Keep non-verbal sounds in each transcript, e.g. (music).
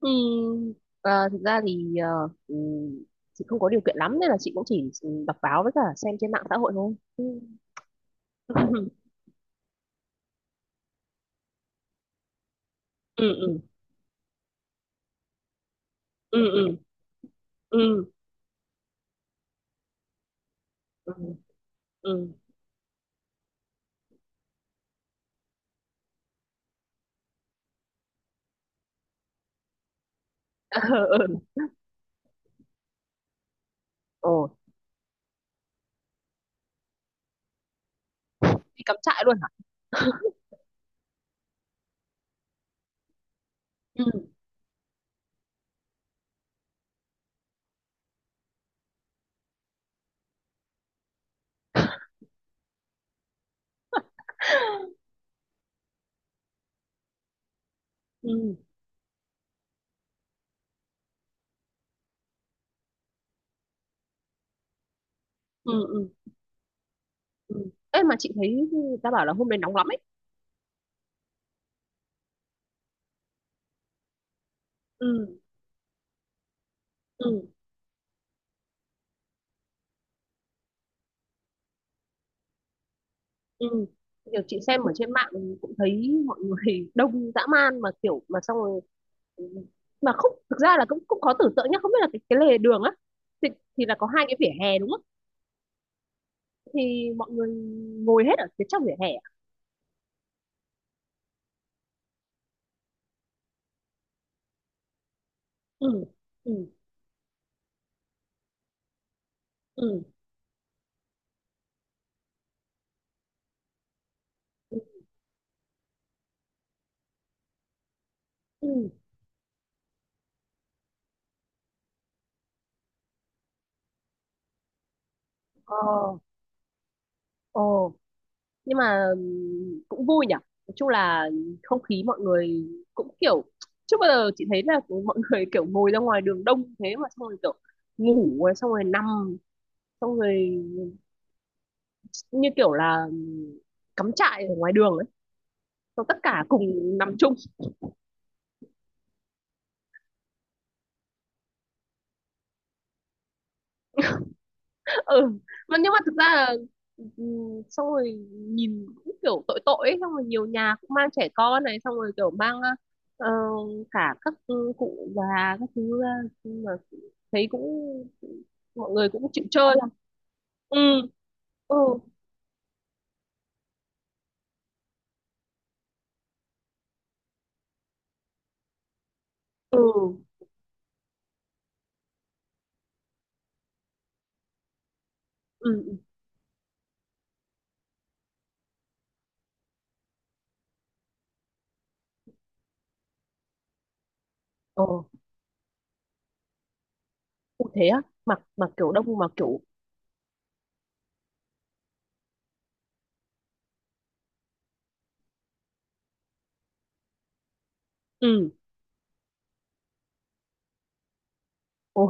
Ừ, thực ra thì ừ, chị không có điều kiện lắm nên là chị cũng chỉ đọc báo với cả xem trên mạng xã hội thôi. Ừ. (laughs) ừ ừ ừ ừ ừ ừ ừ (laughs) ừ ừ ồ. Đi cắm trại luôn hả? Ừ. (laughs) ừ ừ ừ ừ. Ê, mà chị thấy người ta bảo là hôm đấy nóng lắm ấy. Ừ ừ ừ. Kiểu chị xem ở trên mạng cũng thấy mọi người (laughs) đông dã man mà kiểu mà xong rồi mà không, thực ra là cũng cũng khó tưởng tượng nhá, không biết là cái lề đường á thì, thì là có hai cái vỉa hè đúng không, thì mọi người ngồi hết ở phía trong vỉa hè à? Ừ ừ ừ ừ ừ. Ờ ờ. Nhưng mà cũng vui nhỉ. Nói chung là không khí mọi người cũng kiểu, trước bao giờ chị thấy là (laughs) mọi người kiểu ngồi ra ngoài đường đông thế mà xong rồi kiểu ngủ rồi xong rồi nằm xong rồi như kiểu là cắm trại ở ngoài đường ấy, xong tất cả cùng nằm chung. Ừ. Mà nhưng mà thực ra là, ừ, xong rồi nhìn cũng kiểu tội tội ấy. Xong rồi nhiều nhà cũng mang trẻ con này xong rồi kiểu mang ờ, cả các cụ già các thứ ra, nhưng mà thấy cũng mọi người cũng chịu chơi. Ừ ừ ừ ừ ừ. Ờ, cũng thế á. Mặc mặc kiểu đông mặc kiểu ừ. Ồ.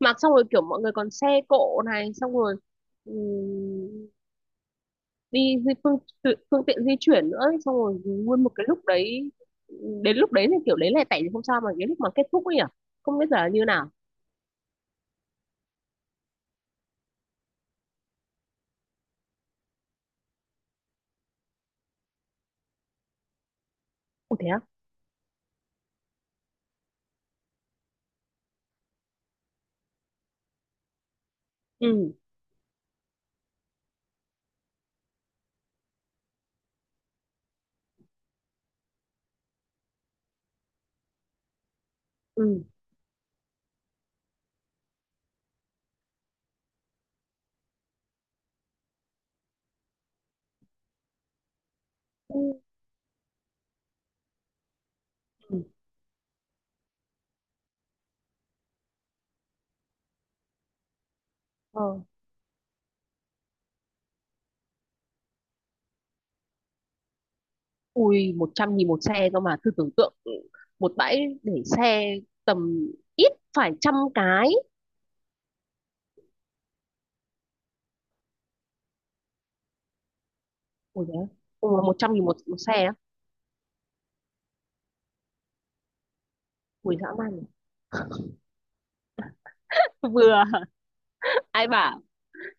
Mặc xong rồi kiểu mọi người còn xe cộ này xong rồi, ừ, đi di phương phương tiện di chuyển nữa ấy, xong rồi nguyên một cái lúc đấy, đến lúc đấy thì kiểu đấy lẻ tẻ thì không sao mà cái lúc mà kết thúc ấy nhỉ, không biết giờ là như nào. Ủa thế à? Ừ ừ ừ ừ. Ờ. Ui một trăm nghìn một xe cơ mà, thử tưởng tượng một bãi để xe tầm ít phải trăm cái. Ui thế à? Ui một trăm nghìn một xe á. Ui dã man nhỉ. (laughs) Vừa ai bảo.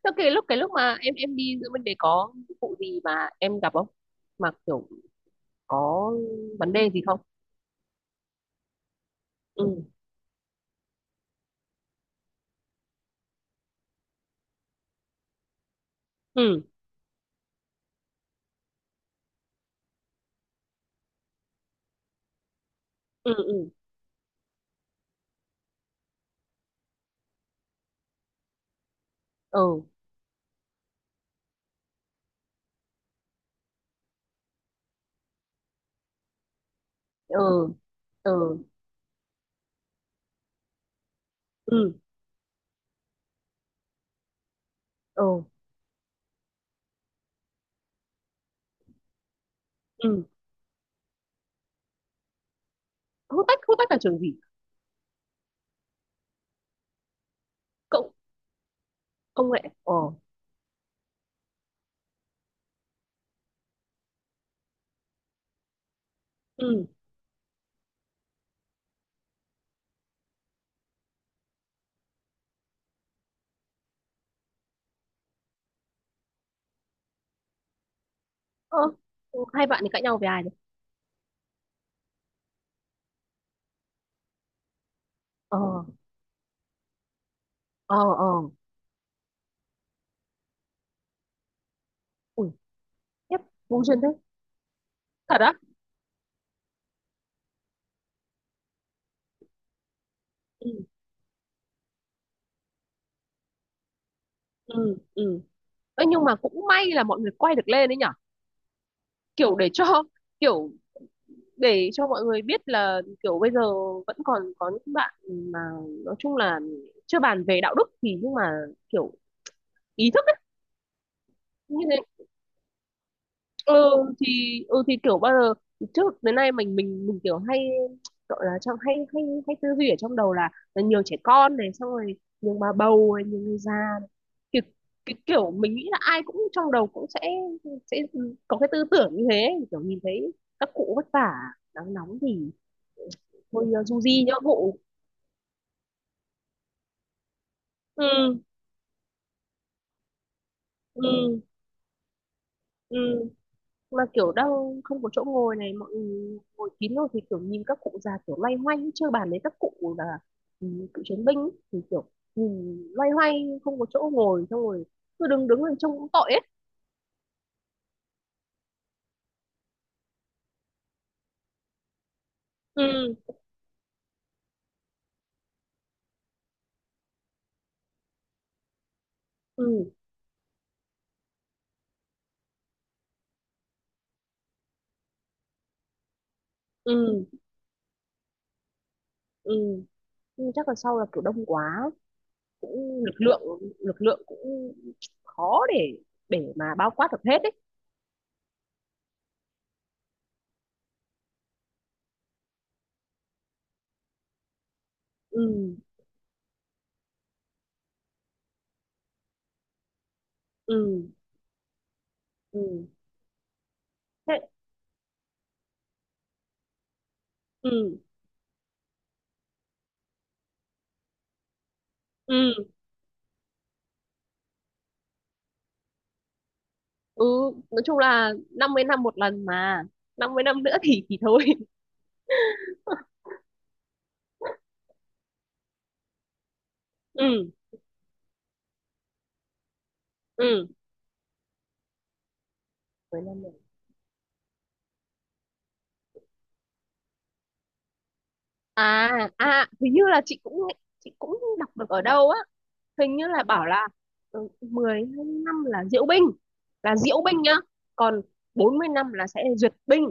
Thế cái lúc mà em đi giữa bên đấy có vụ gì mà em gặp không, mà kiểu có vấn đề gì không? Ừ ừ ừ ừ ừ ừ ừ ừ ừ ừ. Hút tách, hút tách là trường gì? Cộng, công nghệ. Ờ ừ. Ơ, hai bạn thì cãi nhau về ai đấy? Ờ ờ ờ. Ui khiếp, vô duyên thế. Thật á? Ừ ừ ừ. Ê, nhưng mà cũng may là mọi người quay được lên đấy nhở, kiểu để cho, kiểu để cho mọi người biết là kiểu bây giờ vẫn còn có những bạn mà, nói chung là chưa bàn về đạo đức thì nhưng mà kiểu ý thức ấy, như thế. Ừ, thì ừ thì kiểu bao giờ trước đến nay mình kiểu hay gọi là trong hay hay hay tư duy ở trong đầu là nhiều trẻ con này xong rồi nhiều bà bầu này, nhiều người già này. Kiểu cái kiểu mình nghĩ là ai cũng trong đầu cũng sẽ có cái tư tưởng như thế, kiểu nhìn thấy các cụ vất vả nắng nóng thì thôi du di nhỡ cụ. Ừ ừ ừ. Mà kiểu đang không có chỗ ngồi này, mọi người ngồi kín rồi thì kiểu nhìn các cụ già kiểu loay hoay, chưa bàn đến các cụ là ừ, cựu chiến binh ấy, thì kiểu nhìn loay hoay không có chỗ ngồi xong rồi cứ đứng đứng lên trông cũng tội ấy. Ừ ừ ừ ừ. Nhưng chắc là sau là kiểu đông quá, cũng lực lượng, lực lượng cũng khó để mà bao quát được hết ấy. Ừ ừ ừ thế ừ ừ ừ. Nói chung là 50 năm một lần mà, 50 năm nữa thì thôi. (laughs) Ừ ừ. Cuối năm này. À à, hình như là chị cũng nghe- chị cũng đọc được ở đâu á, hình như là bảo là 10 năm là diễu binh, là diễu binh nhá, còn 40 năm là sẽ duyệt binh.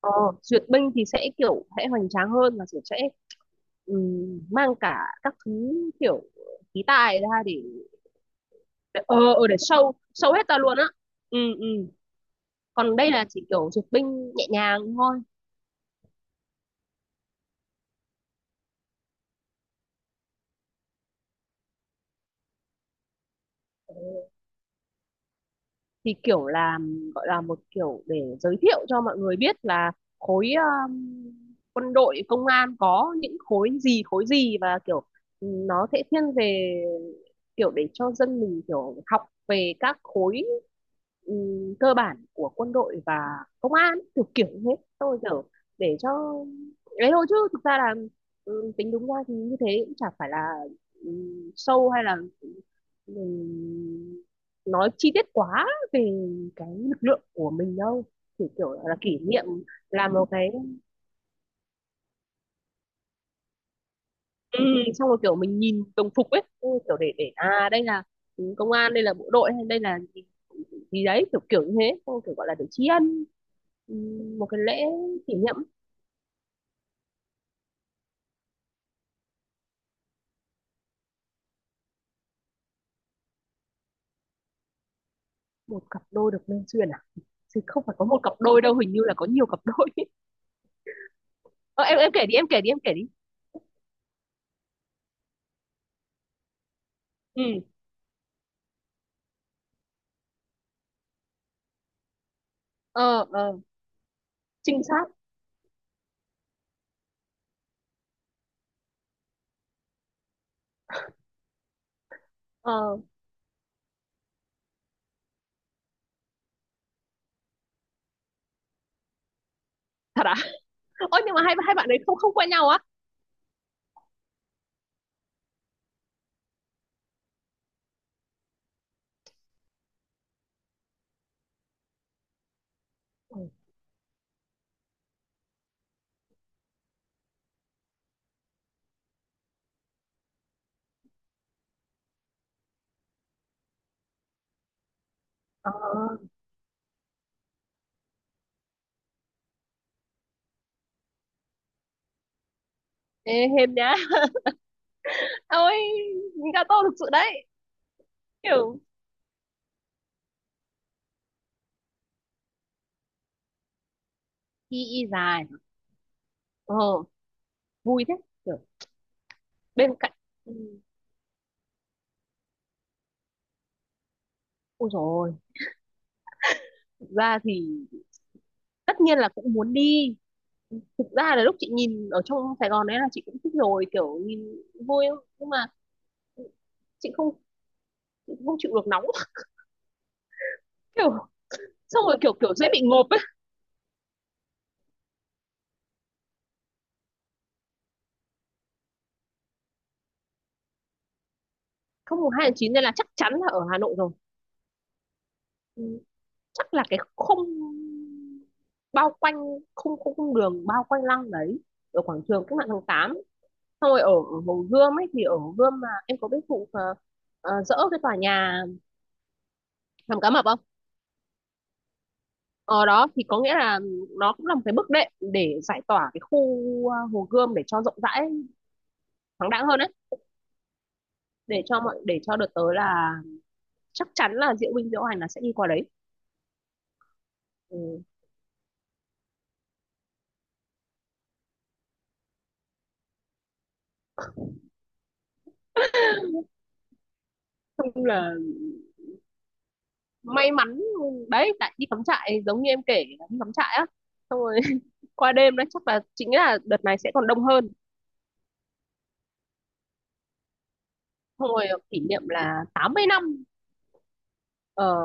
Ờ, duyệt binh thì sẽ kiểu sẽ hoành tráng hơn và kiểu sẽ ừ, mang cả các thứ kiểu khí tài ra để ờ để show show hết ta luôn á. Ừ ừ. Còn đây là chỉ kiểu duyệt binh nhẹ nhàng thôi. Thì kiểu là gọi là một kiểu để giới thiệu cho mọi người biết là khối um, quân đội công an có những khối gì khối gì, và kiểu nó sẽ thiên về kiểu để cho dân mình kiểu học về các khối cơ bản của quân đội và công an, kiểu kiểu như thế tôi kiểu để cho đấy thôi. Chứ thực ra là tính đúng ra thì như thế cũng chả phải là sâu hay là mình nói chi tiết quá về cái lực lượng của mình đâu. Chỉ kiểu là kỷ niệm làm một cái, ừ, xong rồi kiểu mình nhìn đồng phục ấy, kiểu để à đây là công an, đây là bộ đội hay đây là gì, gì đấy kiểu kiểu như thế, xong rồi kiểu gọi là để tri ân, ừ, một cái lễ kỷ niệm. Một cặp đôi được nên duyên à? Chứ không phải có một cặp đôi đâu, hình như là có nhiều cặp đôi. (laughs) Ờ, em kể đi em kể đi em kể đi. Ừ. Ờ ờ. Trinh sát. Ờ, thật à? Ôi nhưng mà hai hai bạn đấy không, không quen nhau á. Ừ. Ờ. Ê, hên nhá. Ôi, Gato thực sự đấy. Kiểu y y dài. Ờ, vui thế. Kiểu bên cạnh. Ừ. Ôi dồi ôi, thực ra thì tất nhiên là cũng muốn đi. Thực ra là lúc chị nhìn ở trong Sài Gòn đấy là chị cũng thích rồi, kiểu nhìn vui lắm. Nhưng mà chị không, chị không chịu được nóng. (laughs) Kiểu xong rồi kiểu kiểu dễ bị ngộp ấy. Không, mùng 2 tháng 9 nên là chắc chắn là ở Hà Nội rồi. Ừ. Chắc là cái khung bao quanh khung khung, khung đường bao quanh lăng đấy, ở quảng trường Cách Mạng Tháng Tám, xong rồi ở Hồ Gươm ấy. Thì ở Hồ Gươm mà em có biết vụ dỡ cái tòa nhà Hàm Cá Mập không, ở đó thì có nghĩa là nó cũng là một cái bước đệm để giải tỏa cái khu Hồ Gươm để cho rộng rãi thoáng đãng hơn ấy, để cho mọi, để cho đợt tới là chắc chắn là diễu binh diễu Hành là sẽ đi qua đấy. Ừ. Chung là may mắn đấy, tại đi cắm trại giống như em kể là đi cắm trại á, xong rồi qua đêm đấy chắc là chính là đợt này sẽ còn đông hơn, xong rồi kỷ niệm là 80 năm ở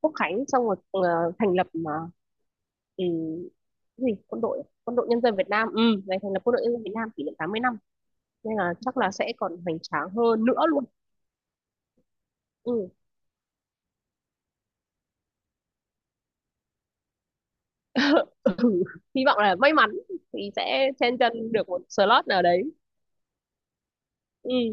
Quốc Khánh xong rồi thành lập mà, ừ, cái gì quân đội nhân dân Việt Nam ừ ngày thành lập quân đội nhân dân Việt Nam kỷ niệm 80 năm, nên là chắc là sẽ còn hoành tráng hơn nữa luôn. Ừ. (laughs) Ừ. Hy vọng là may mắn thì sẽ chen chân được một slot nào đấy. Ừ